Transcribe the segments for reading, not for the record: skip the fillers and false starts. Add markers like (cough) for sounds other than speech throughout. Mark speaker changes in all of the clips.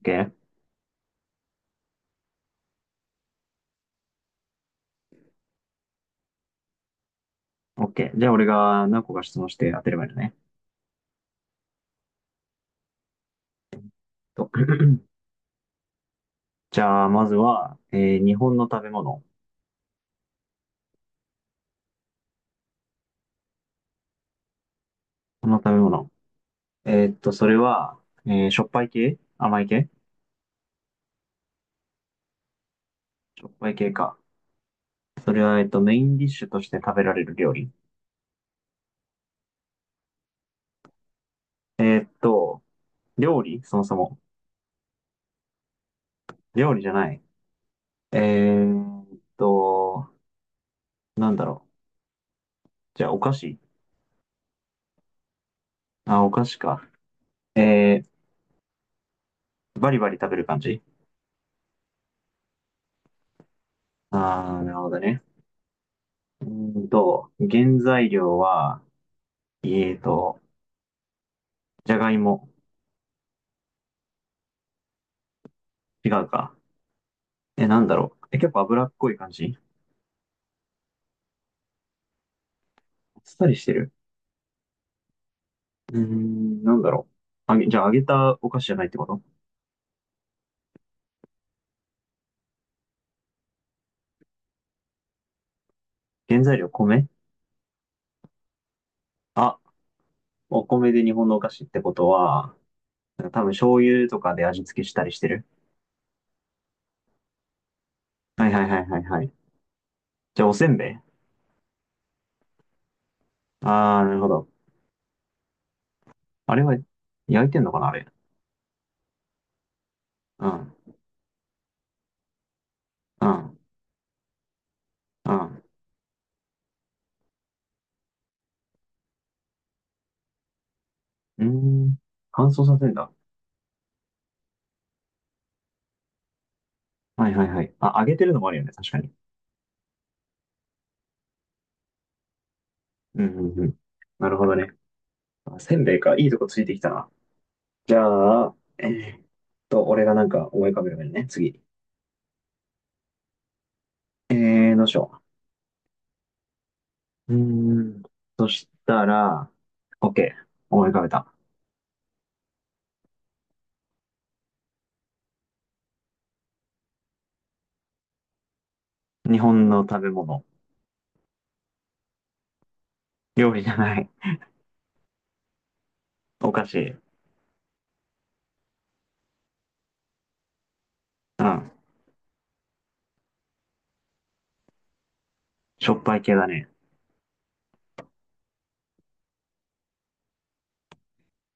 Speaker 1: OK? OK。じゃあ俺が何個か質問して当てればいいのね。と (laughs) (clears throat) じゃあ、まずは、日本の食べ物。この食べ物。それは、しょっぱい系甘い系。しょっぱい系か。それは、メインディッシュとして食べられる料理。えーっと、料理そもそも。料理じゃない。えーっと、なんだろう。じゃあ、お菓子。あ、お菓子か。えー、バリバリ食べる感じ。あー、なるほどね。うー原材料は、えーと、じゃがいも。違うか。え、なんだろう。え、結構脂っこい感じ。あっさりしてる。うーん、なんだろう。じゃあ揚げたお菓子じゃないってこと。原材料米。あ、お米で日本のお菓子ってことは、なんか多分醤油とかで味付けしたりしてる。はいはいはいはいはい。じゃあおせんべい。あー、なるほど。あれは焼いてんのかなあれ。うん、うん、うん。うーん、乾燥させんだ。はいはいはい。あ、揚げてるのもあるよね。確かに。うん、うん、うん。なるほどね。あ、せんべいか。いいとこついてきたな。じゃあ、俺がなんか思い浮かべるよね。次。え、ー、どうしよう。うーん。そしたら、OK。思い浮かべた。日本の食べ物。料理じゃない。お菓子。うん。しょっぱい系だね。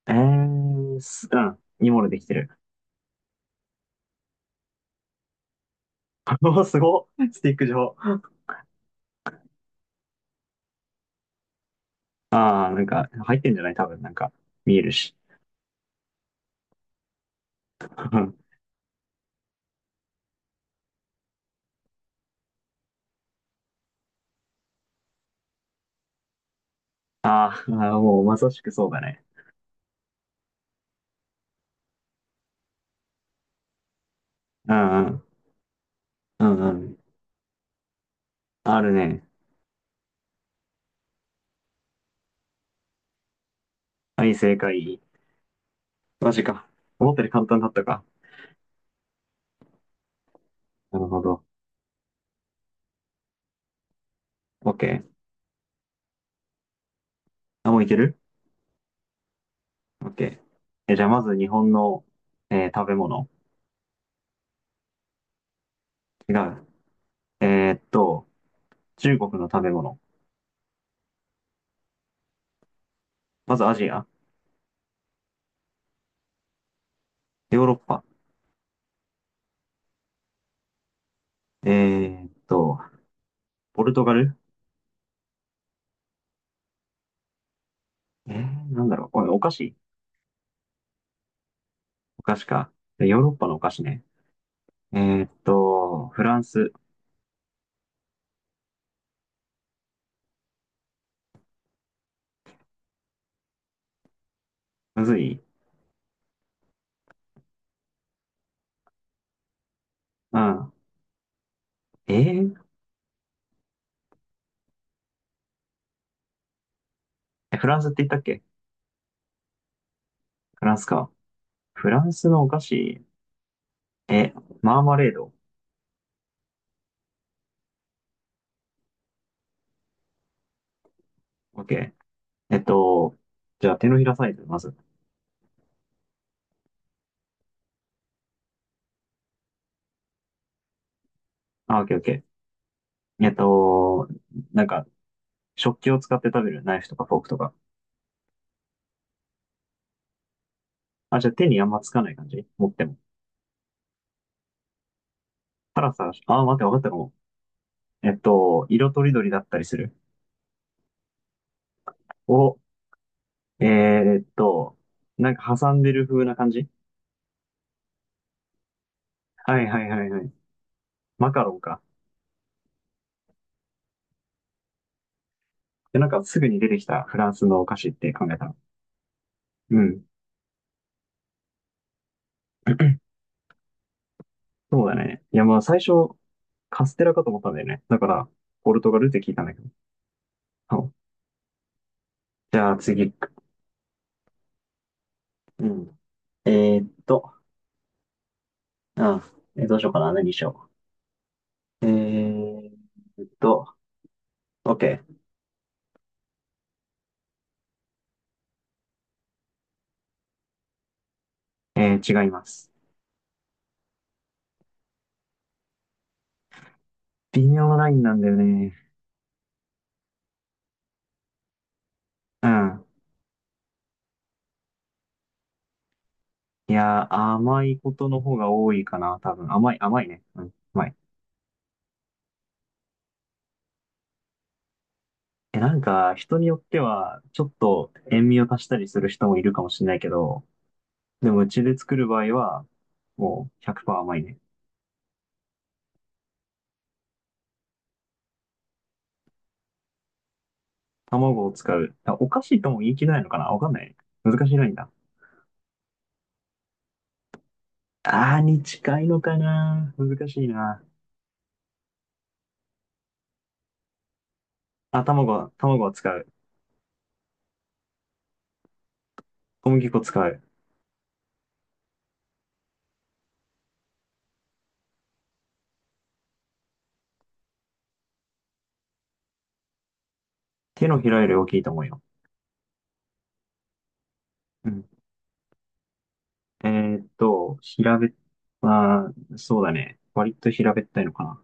Speaker 1: えー、す、うん。煮物できてる。(laughs) おー、すごっ。スティック状。ああなんか、入ってんじゃない多分、なんか、見えるし。(laughs) あーあー、もうまさしくそうだね。うんうん。うんうん。あるね。はい、正解。マジか。思ったより簡単だったか。なるほど。OK。あ、もういける？ OK。え、じゃあまず日本の、食べ物。違う。えーっと、中国の食べ物。まずアジア。ヨーロッパ。えーっと、ポルトガル。え、ー、なんだろう。これお菓子。お菓子か。ヨーロッパのお菓子ね。えフランス。むずい。うん。えー、えフランスって言ったっけ。フランスか。フランスのお菓子。え、マーマレード。OK。えっと、じゃあ手のひらサイズ、まず。あ、オッケーオッケー。えっと、なんか、食器を使って食べるナイフとかフォークとか。あ、じゃあ手にあんまつかない感じ持っても。たださ、あ、待って、わかったかも。えっと、色とりどりだったりする。お、えーっと、なんか挟んでる風な感じ。はいはいはいはい。マカロンか。で、なんかすぐに出てきたフランスのお菓子って考えたら。うん。そうだね。いや、まあ最初、カステラかと思ったんだよね。だから、ポルトガルって聞いたんだけど。そう。じゃあ次。うん。えーっと、あ、えーどうしようかな。何にしよう。えーっと、OK。えー、違います。微妙なラインなんだよね。うん。いやー、甘いことの方が多いかな、多分。甘い、甘いね。うん、甘い。え、なんか、人によっては、ちょっと塩味を足したりする人もいるかもしれないけど、でもうちで作る場合は、もう100%甘いね。卵を使う。あおかしいとも言い切れないのかなわかんないね。難しいラインだ。あーに近いのかな難しいな。あ、卵は、卵を使う。小麦粉を使う。手のひらより大きいと思うよ。うん。えーっと、平べっ、まあー、そうだね。割と平べったいのかな。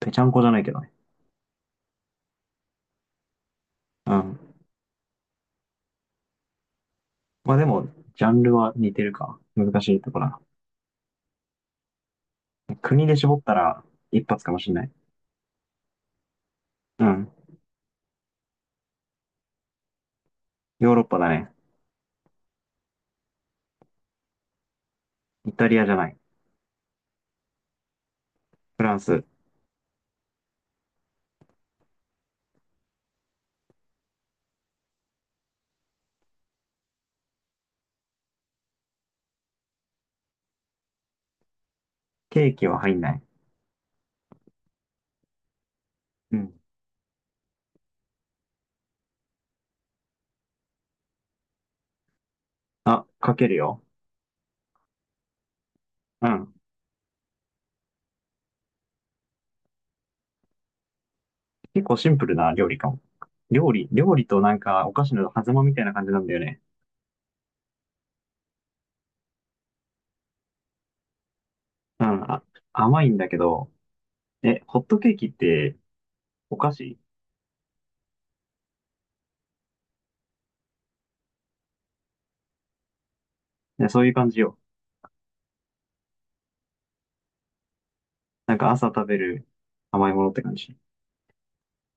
Speaker 1: ぺちゃんこじゃないけどね。うん。まあでも、ジャンルは似てるか。難しいところだ。国で絞ったら、一発かもしんない。うん。ヨーロッパだね。イタリアじゃない。フランス。ケーキは入んない。うん。あ、かけるよ。うん。結構シンプルな料理かも。料理、料理となんかお菓子の狭間みたいな感じなんだよね。うん、あ、甘いんだけど、え、ホットケーキってお菓子。ねそういう感じよ。なんか朝食べる甘いものって感じ。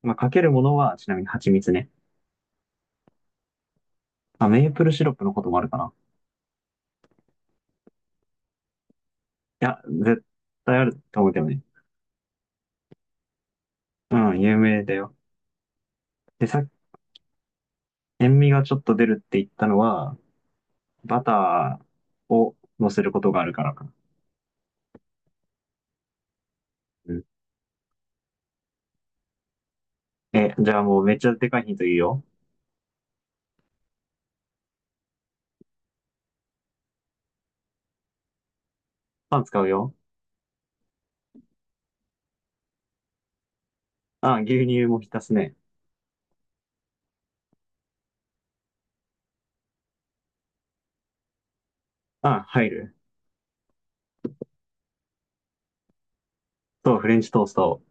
Speaker 1: まあ、かけるものはちなみに蜂蜜ね。まあ、メープルシロップのこともあるかな。いや、絶対あると思うけどね。うん、有名だよ。で、さっき、塩味がちょっと出るって言ったのは、バターを乗せることがあるからかな。うん。え、じゃあもうめっちゃでかいヒントいいよ。パン使うよ。あ、牛乳も浸すね。あ、入る。と、フレンチトースト。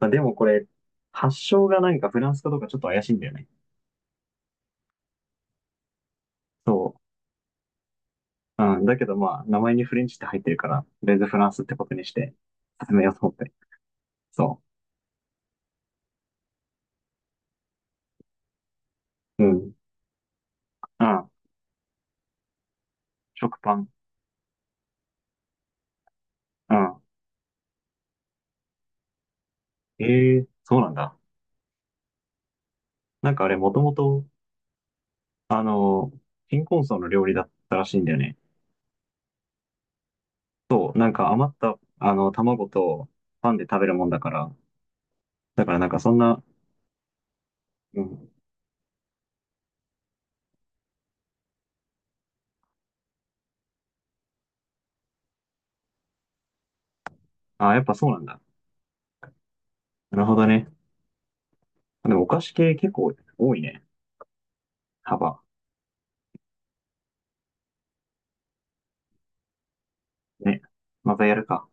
Speaker 1: まあ、でもこれ、発祥がなんかフランスかどうかちょっと怪しいんだよね。そう。うん。だけどまあ、名前にフレンチって入ってるから、とりあえずフランスってことにして、進めようと思って。そう。うん。うん。食パン。うん。ええそうなんだ。なんかあれ、もともと、あの、貧困層の料理だったらしいんだよね。そう。なんか余った、あの、卵とパンで食べるもんだから。だからなんかそんな、うん。あ、やっぱそうなんだ。なるほどね。でもお菓子系結構多いね。幅。ね。またやるか。